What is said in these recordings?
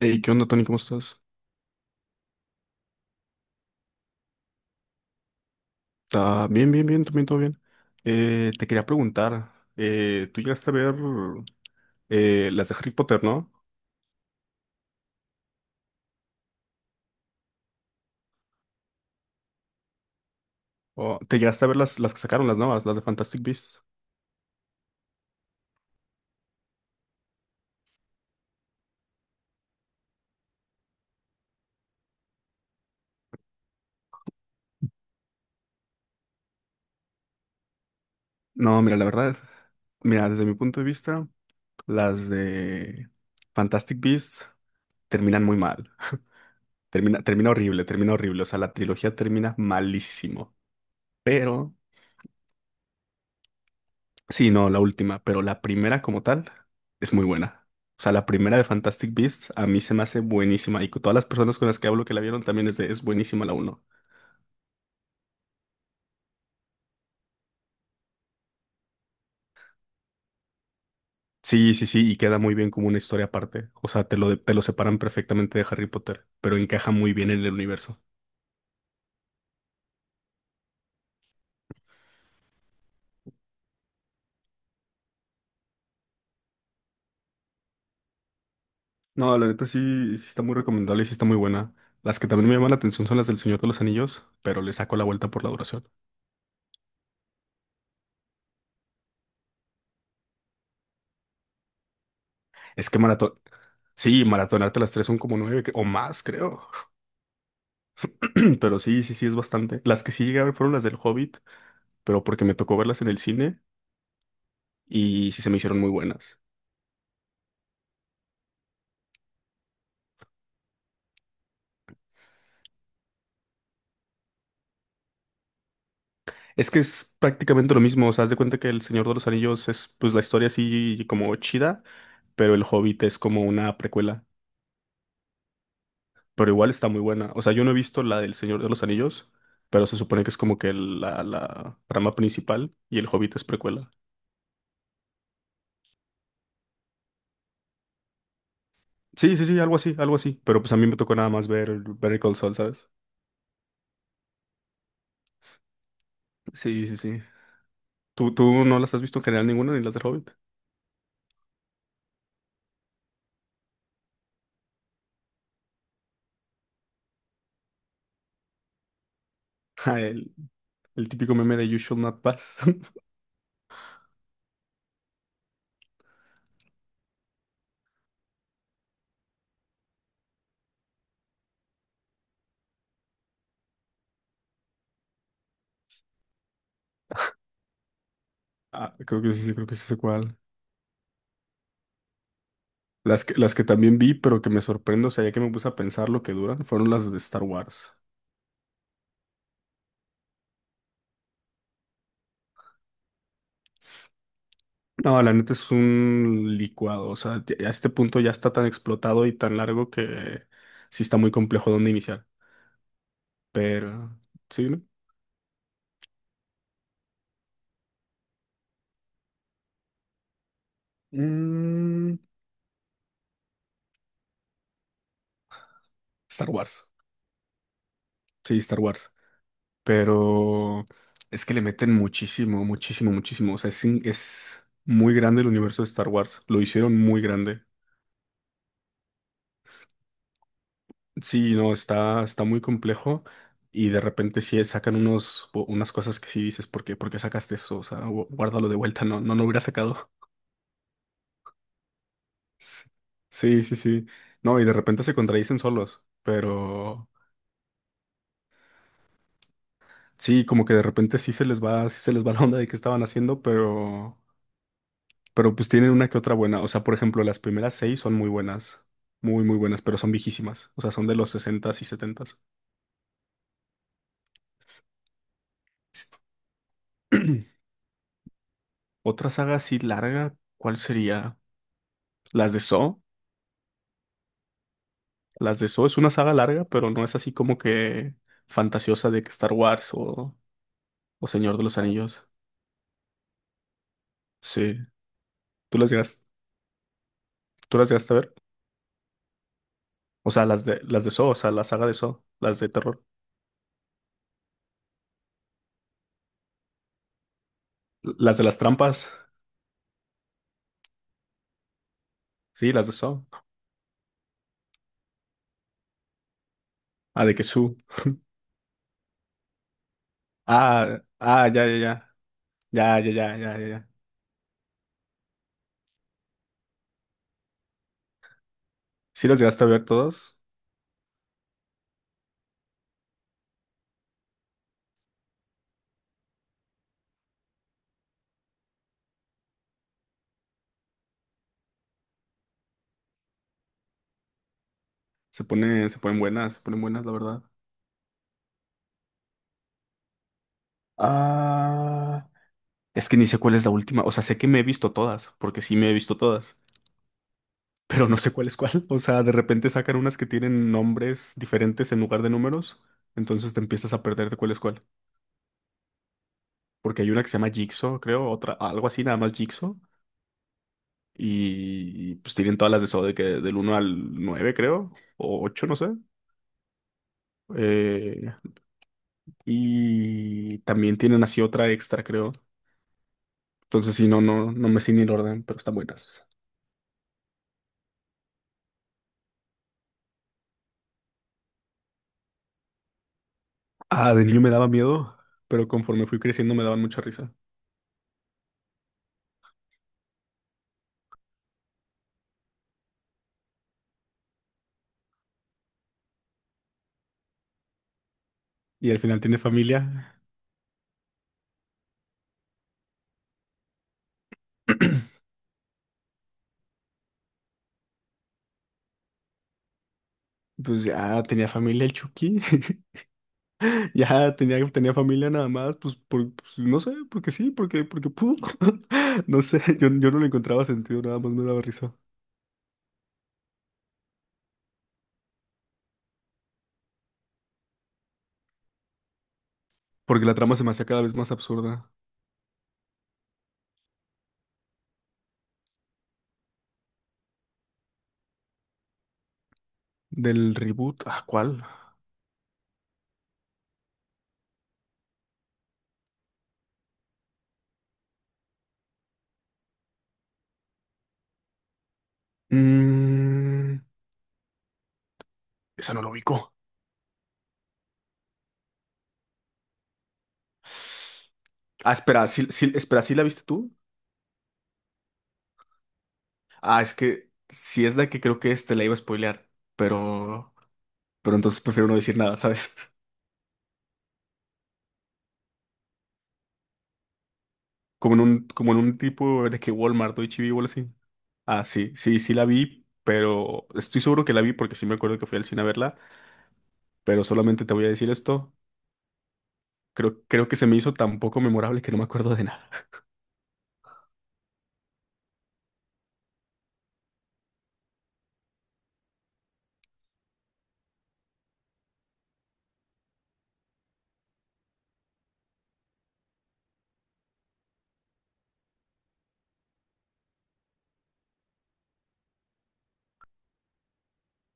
Hey, ¿qué onda, Tony? ¿Cómo estás? Está bien, bien, bien, también todo bien. Te quería preguntar, tú llegaste a ver las de Harry Potter, ¿no? O, ¿te llegaste a ver las que sacaron las nuevas, las de Fantastic Beasts? No, mira, la verdad, mira, desde mi punto de vista, las de Fantastic Beasts terminan muy mal. Termina horrible, termina horrible. O sea, la trilogía termina malísimo. Pero sí, no, la última, pero la primera como tal es muy buena. O sea, la primera de Fantastic Beasts a mí se me hace buenísima, y con todas las personas con las que hablo que la vieron también es buenísima la uno. Sí, sí, sí, y queda muy bien como una historia aparte. O sea, te lo separan perfectamente de Harry Potter, pero encaja muy bien en el universo. No, la neta sí, sí está muy recomendable y sí está muy buena. Las que también me llaman la atención son las del Señor de los Anillos, pero le saco la vuelta por la duración. Es que maratón, sí, maratonarte las tres son como nueve o más, creo. Pero sí, sí, sí, es bastante. Las que sí llegué a ver fueron las del Hobbit, pero porque me tocó verlas en el cine y sí se me hicieron muy buenas. Es que es prácticamente lo mismo. O sea, haz de cuenta que El Señor de los Anillos es pues la historia así como chida, pero El Hobbit es como una precuela, pero igual está muy buena. O sea, yo no he visto la del Señor de los Anillos, pero se supone que es como que la trama principal y El Hobbit es precuela. Sí, sí, sí, algo así, pero pues a mí me tocó nada más ver Better Call Saul, ¿sabes? Sí, sí, sí. ¿Tú no las has visto en general ninguna, ni las del Hobbit? Ja, el típico meme de You should Not Pass. Ah, creo que sí sé cuál. Las que también vi, pero que me sorprendo, o sea, ya que me puse a pensar lo que duran, fueron las de Star Wars. No, la neta es un licuado. O sea, ya a este punto ya está tan explotado y tan largo que sí está muy complejo dónde iniciar. Pero, sí, ¿no? Mm, Star Wars. Sí, Star Wars. Pero es que le meten muchísimo, muchísimo, muchísimo. O sea, es muy grande el universo de Star Wars. Lo hicieron muy grande. Sí, no, está, está muy complejo, y de repente sí sacan unas cosas que sí dices, por qué sacaste eso? O sea, guárdalo de vuelta, no, no lo hubiera sacado. S- Sí, sí, sí. No, y de repente se contradicen solos, pero sí, como que de repente sí se les va, sí se les va la onda de qué estaban haciendo, pero pues tienen una que otra buena. O sea, por ejemplo, las primeras seis son muy buenas, muy, muy buenas, pero son viejísimas. O sea, son de los sesentas y setentas. s Otra saga así larga, ¿cuál sería? Las de Saw. Las de Saw es una saga larga, pero no es así como que fantasiosa de que Star Wars o Señor de los Anillos. Sí. ¿Tú las llegas, ¿Tú las llegaste a ver? O sea, las de Saw, o sea, la saga de Saw, las de terror. Las de las trampas. Sí, las de Saw. Ah, de que Su. Ah, ah, ya, ya, ya. Ya, ya, ya, ya, ya, ya. Sí las llegaste a ver todas. Se ponen buenas, se ponen buenas, la verdad. Ah, es que ni sé cuál es la última. O sea, sé que me he visto todas, porque sí me he visto todas, pero no sé cuál es cuál. O sea, de repente sacan unas que tienen nombres diferentes en lugar de números, entonces te empiezas a perder de cuál es cuál. Porque hay una que se llama Jigsaw, creo, otra, algo así, nada más Jigsaw. Y, pues tienen todas las de eso de que del uno al 9 creo, o ocho, no sé. Eh, y también tienen así otra extra, creo. Entonces, sí, no, no, no me sé ni el orden, pero están buenas. Ah, de niño me daba miedo, pero conforme fui creciendo me daban mucha risa. Y al final tiene familia. Pues ya tenía familia el Chucky, ya tenía, tenía familia nada más, pues, por, pues, no sé, porque sí, porque, porque pudo. No sé, yo no le encontraba sentido, nada más me daba risa. Porque la trama se me hacía cada vez más absurda. Del reboot, ¿a cuál? Mm, esa no lo ubico. Ah, espera, espera, ¿sí la viste tú? Ah, es que si es la que creo que este la iba a spoilear, pero, pero entonces prefiero no decir nada, ¿sabes? Como en un tipo de que Walmart o H-E-B o algo así. Ah, sí, sí, sí la vi, pero estoy seguro que la vi porque sí me acuerdo que fui al cine a verla, pero solamente te voy a decir esto. Creo que se me hizo tan poco memorable que no me acuerdo de nada.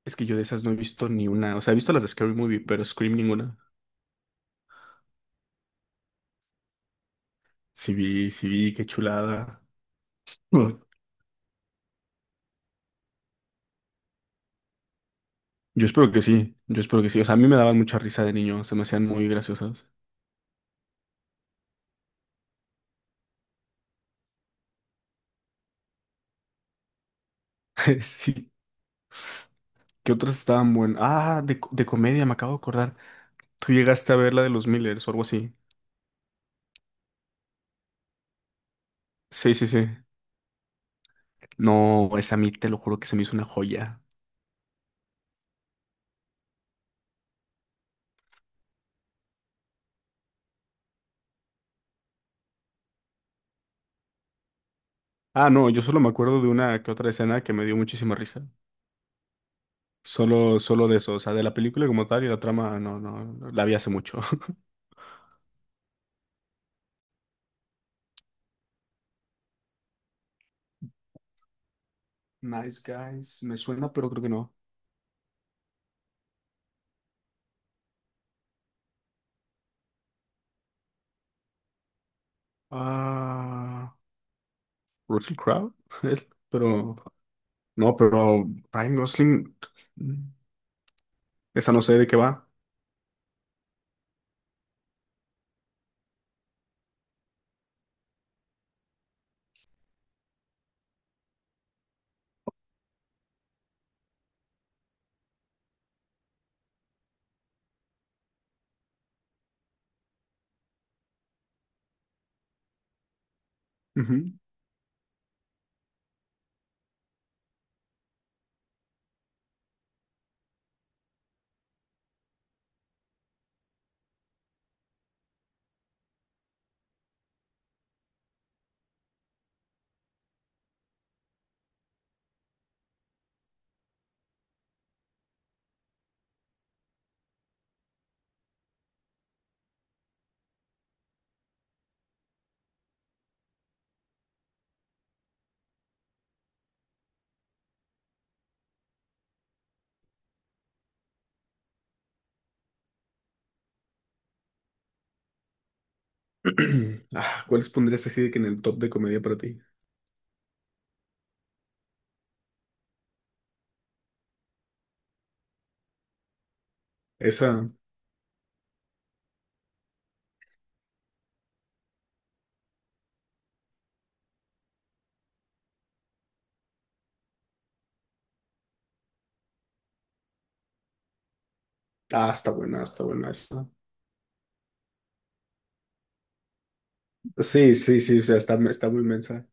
Es que yo de esas no he visto ni una. O sea, he visto las de Scary Movie, pero Scream ninguna. Sí vi, qué chulada. Mm. Yo espero que sí, yo espero que sí. O sea, a mí me daban mucha risa de niño, se me hacían muy graciosas. Sí, ¿qué otras estaban buenas? Ah, de comedia, me acabo de acordar. Tú llegaste a ver la de los Millers o algo así. Sí, sí, sí. No, esa a mí te lo juro que se me hizo una joya. Ah, no, yo solo me acuerdo de una que otra escena que me dio muchísima risa. Solo, solo de eso, o sea, de la película como tal y la trama, no, no, la vi hace mucho. Nice Guys, me suena, pero creo que no. Ah, Russell Crowe, él, pero no, pero Ryan Gosling, mm, esa no sé de qué va. Ujú. Ah, ¿cuáles pondrías así de que en el top de comedia para ti? Esa, ah, está buena esa. Sí, sí, sí, o sea, está, está muy mensa.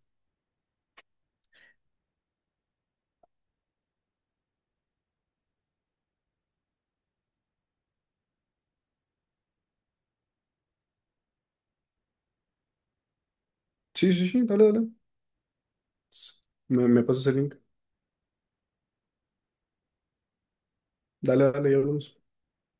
Sí, sí, sí, dale, dale. Me pasas el link. Dale, dale, y hablamos.